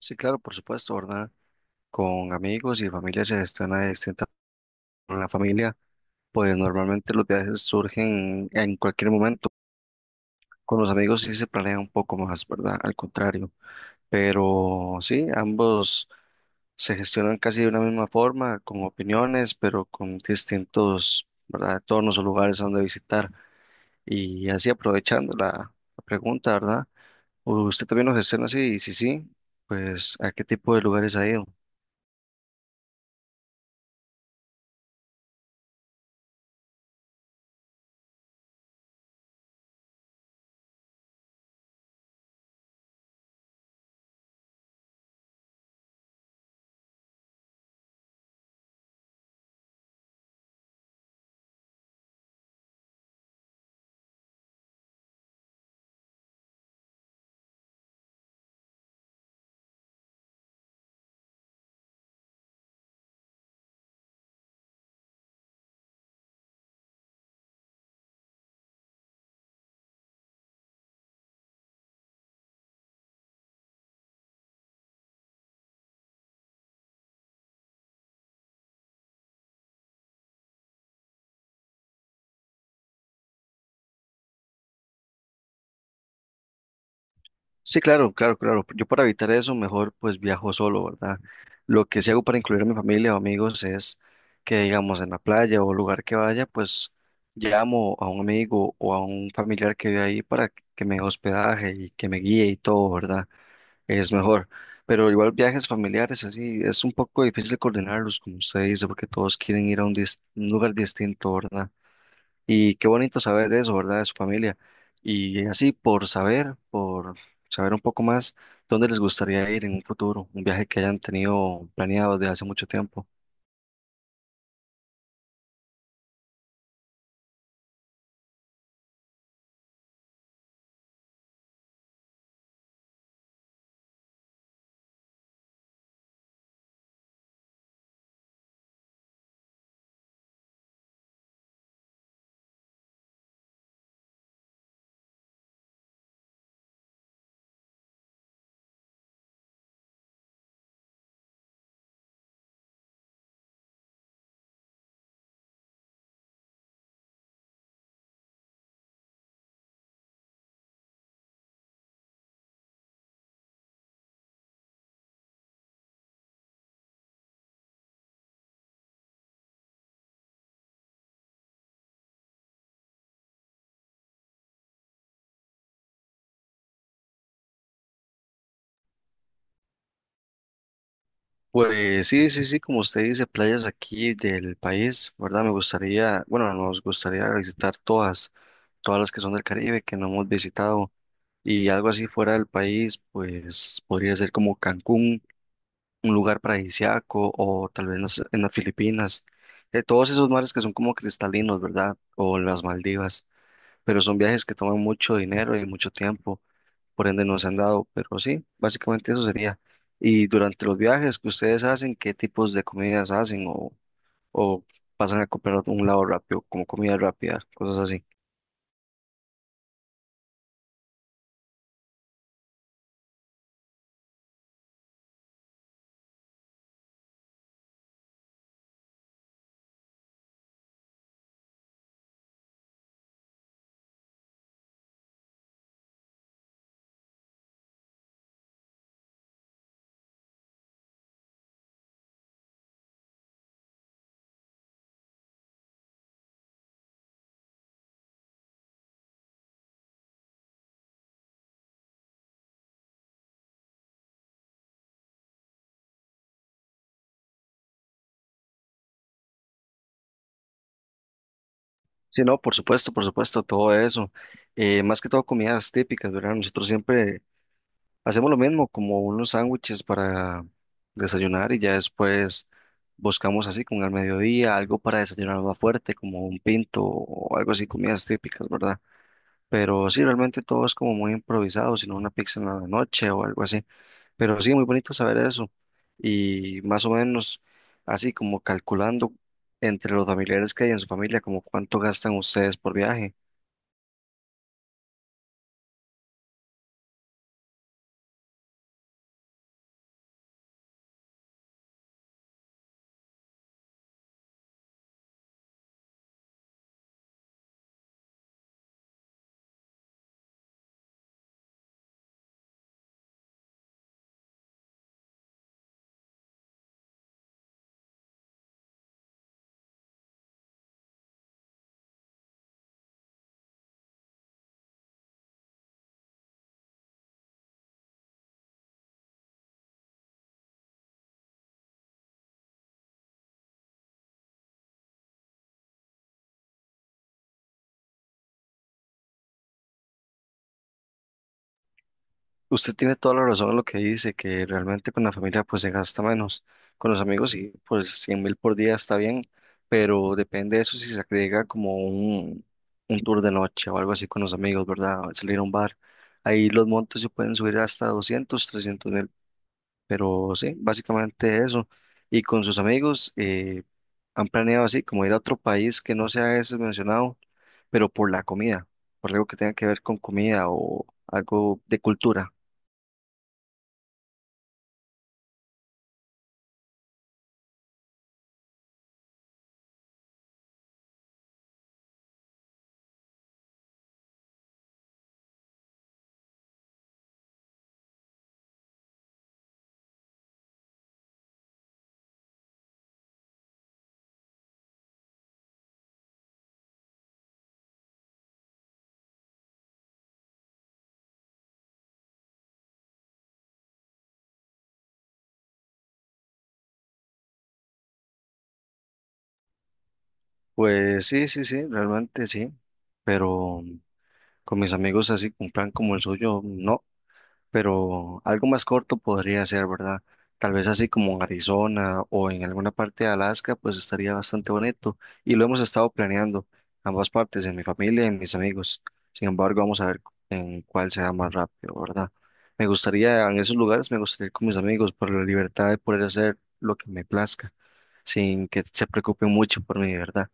Sí, claro, por supuesto, ¿verdad? Con amigos y familia se gestiona de distinta con la familia, pues normalmente los viajes surgen en cualquier momento. Con los amigos sí se planea un poco más, ¿verdad? Al contrario. Pero sí, ambos se gestionan casi de una misma forma, con opiniones, pero con distintos, ¿verdad? Tonos o lugares a donde visitar. Y así aprovechando la pregunta, ¿verdad? ¿Usted también lo gestiona así? Y si sí, pues ¿a qué tipo de lugares ha ido? Sí, claro, claro, claro. Yo para evitar eso, mejor pues viajo solo, ¿verdad? Lo que sí hago para incluir a mi familia o amigos es que, digamos, en la playa o lugar que vaya, pues llamo a un amigo o a un familiar que vive ahí para que me dé hospedaje y que me guíe y todo, ¿verdad? Es mejor. Pero igual viajes familiares, así, es un poco difícil coordinarlos, como usted dice, porque todos quieren ir a un, un lugar distinto, ¿verdad? Y qué bonito saber de eso, ¿verdad? De su familia. Y así, por saber un poco más, ¿dónde les gustaría ir en un futuro? Un viaje que hayan tenido planeado desde hace mucho tiempo. Pues sí, sí, sí, como usted dice, playas aquí del país, ¿verdad? Me gustaría, bueno, nos gustaría visitar todas, todas las que son del Caribe, que no hemos visitado. Y algo así fuera del país, pues podría ser como Cancún un lugar paradisíaco o tal vez en las Filipinas, todos esos mares que son como cristalinos, ¿verdad? O las Maldivas, pero son viajes que toman mucho dinero y mucho tiempo, por ende no se han dado, pero sí, básicamente eso sería. Y durante los viajes que ustedes hacen, ¿qué tipos de comidas hacen o pasan a comprar a un lado rápido, como comida rápida, cosas así? Sí, no, por supuesto, todo eso. Más que todo comidas típicas, ¿verdad? Nosotros siempre hacemos lo mismo, como unos sándwiches para desayunar y ya después buscamos así como al mediodía algo para desayunar más fuerte, como un pinto o algo así, comidas típicas, ¿verdad? Pero sí, realmente todo es como muy improvisado, sino una pizza en la noche o algo así. Pero sí, muy bonito saber eso. Y más o menos así como calculando entre los familiares que hay en su familia, como cuánto gastan ustedes por viaje. Usted tiene toda la razón en lo que dice, que realmente con la familia pues se gasta menos. Con los amigos sí, pues 100.000 por día está bien, pero depende de eso si se agrega como un tour de noche o algo así con los amigos, ¿verdad? Salir a un bar. Ahí los montos se pueden subir hasta 200.000 300.000, pero sí, básicamente eso. Y con sus amigos han planeado así, como ir a otro país que no sea ese mencionado, pero por la comida, por algo que tenga que ver con comida o algo de cultura. Pues sí, sí, sí, realmente sí, pero con mis amigos así, un plan como el suyo, no, pero algo más corto podría ser, ¿verdad? Tal vez así como en Arizona o en alguna parte de Alaska, pues estaría bastante bonito y lo hemos estado planeando ambas partes, en mi familia y en mis amigos. Sin embargo, vamos a ver en cuál sea más rápido, ¿verdad? Me gustaría, en esos lugares, me gustaría ir con mis amigos por la libertad de poder hacer lo que me plazca, sin que se preocupen mucho por mí, ¿verdad?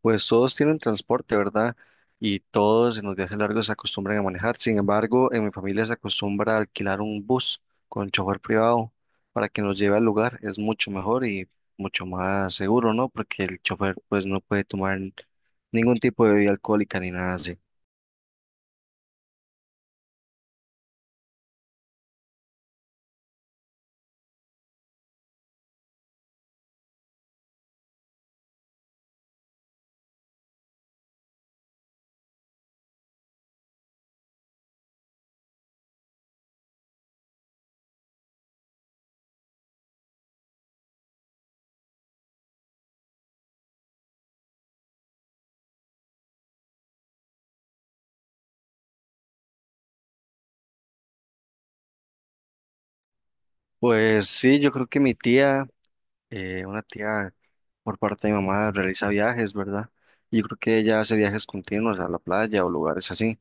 Pues todos tienen transporte, ¿verdad? Y todos en los viajes largos se acostumbran a manejar. Sin embargo, en mi familia se acostumbra a alquilar un bus con chofer privado para que nos lleve al lugar. Es mucho mejor y mucho más seguro, ¿no? Porque el chofer pues no puede tomar ningún tipo de bebida alcohólica ni nada así. Pues sí, yo creo que mi tía, una tía por parte de mi mamá realiza viajes, ¿verdad? Y yo creo que ella hace viajes continuos a la playa o lugares así.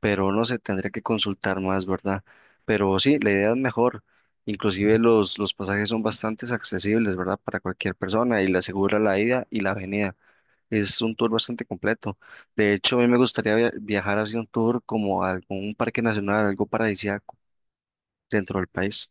Pero no sé, tendría que consultar más, ¿verdad? Pero sí, la idea es mejor. Inclusive los pasajes son bastante accesibles, ¿verdad? Para cualquier persona y le asegura la ida y la venida. Es un tour bastante completo. De hecho, a mí me gustaría viajar hacia un tour como a algún parque nacional, algo paradisíaco dentro del país.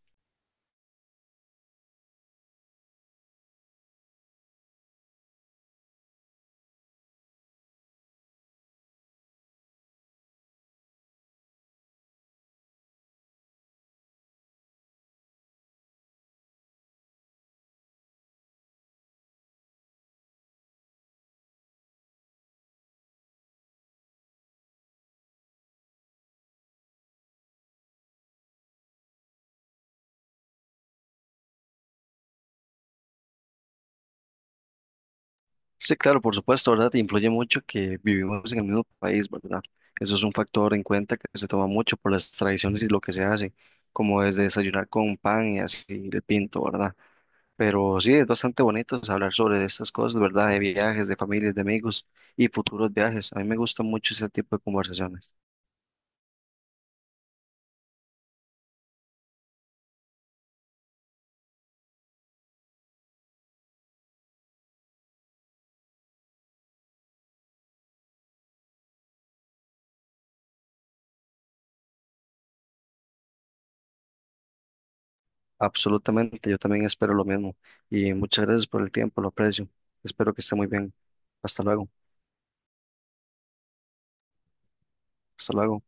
Sí, claro, por supuesto, ¿verdad? Influye mucho que vivimos en el mismo país, ¿verdad? Eso es un factor en cuenta que se toma mucho por las tradiciones y lo que se hace, como desde desayunar con pan y así de pinto, ¿verdad? Pero sí, es bastante bonito pues, hablar sobre estas cosas, ¿verdad? De viajes, de familias, de amigos y futuros viajes. A mí me gusta mucho ese tipo de conversaciones. Absolutamente, yo también espero lo mismo. Y muchas gracias por el tiempo, lo aprecio. Espero que esté muy bien. Hasta luego, hasta luego.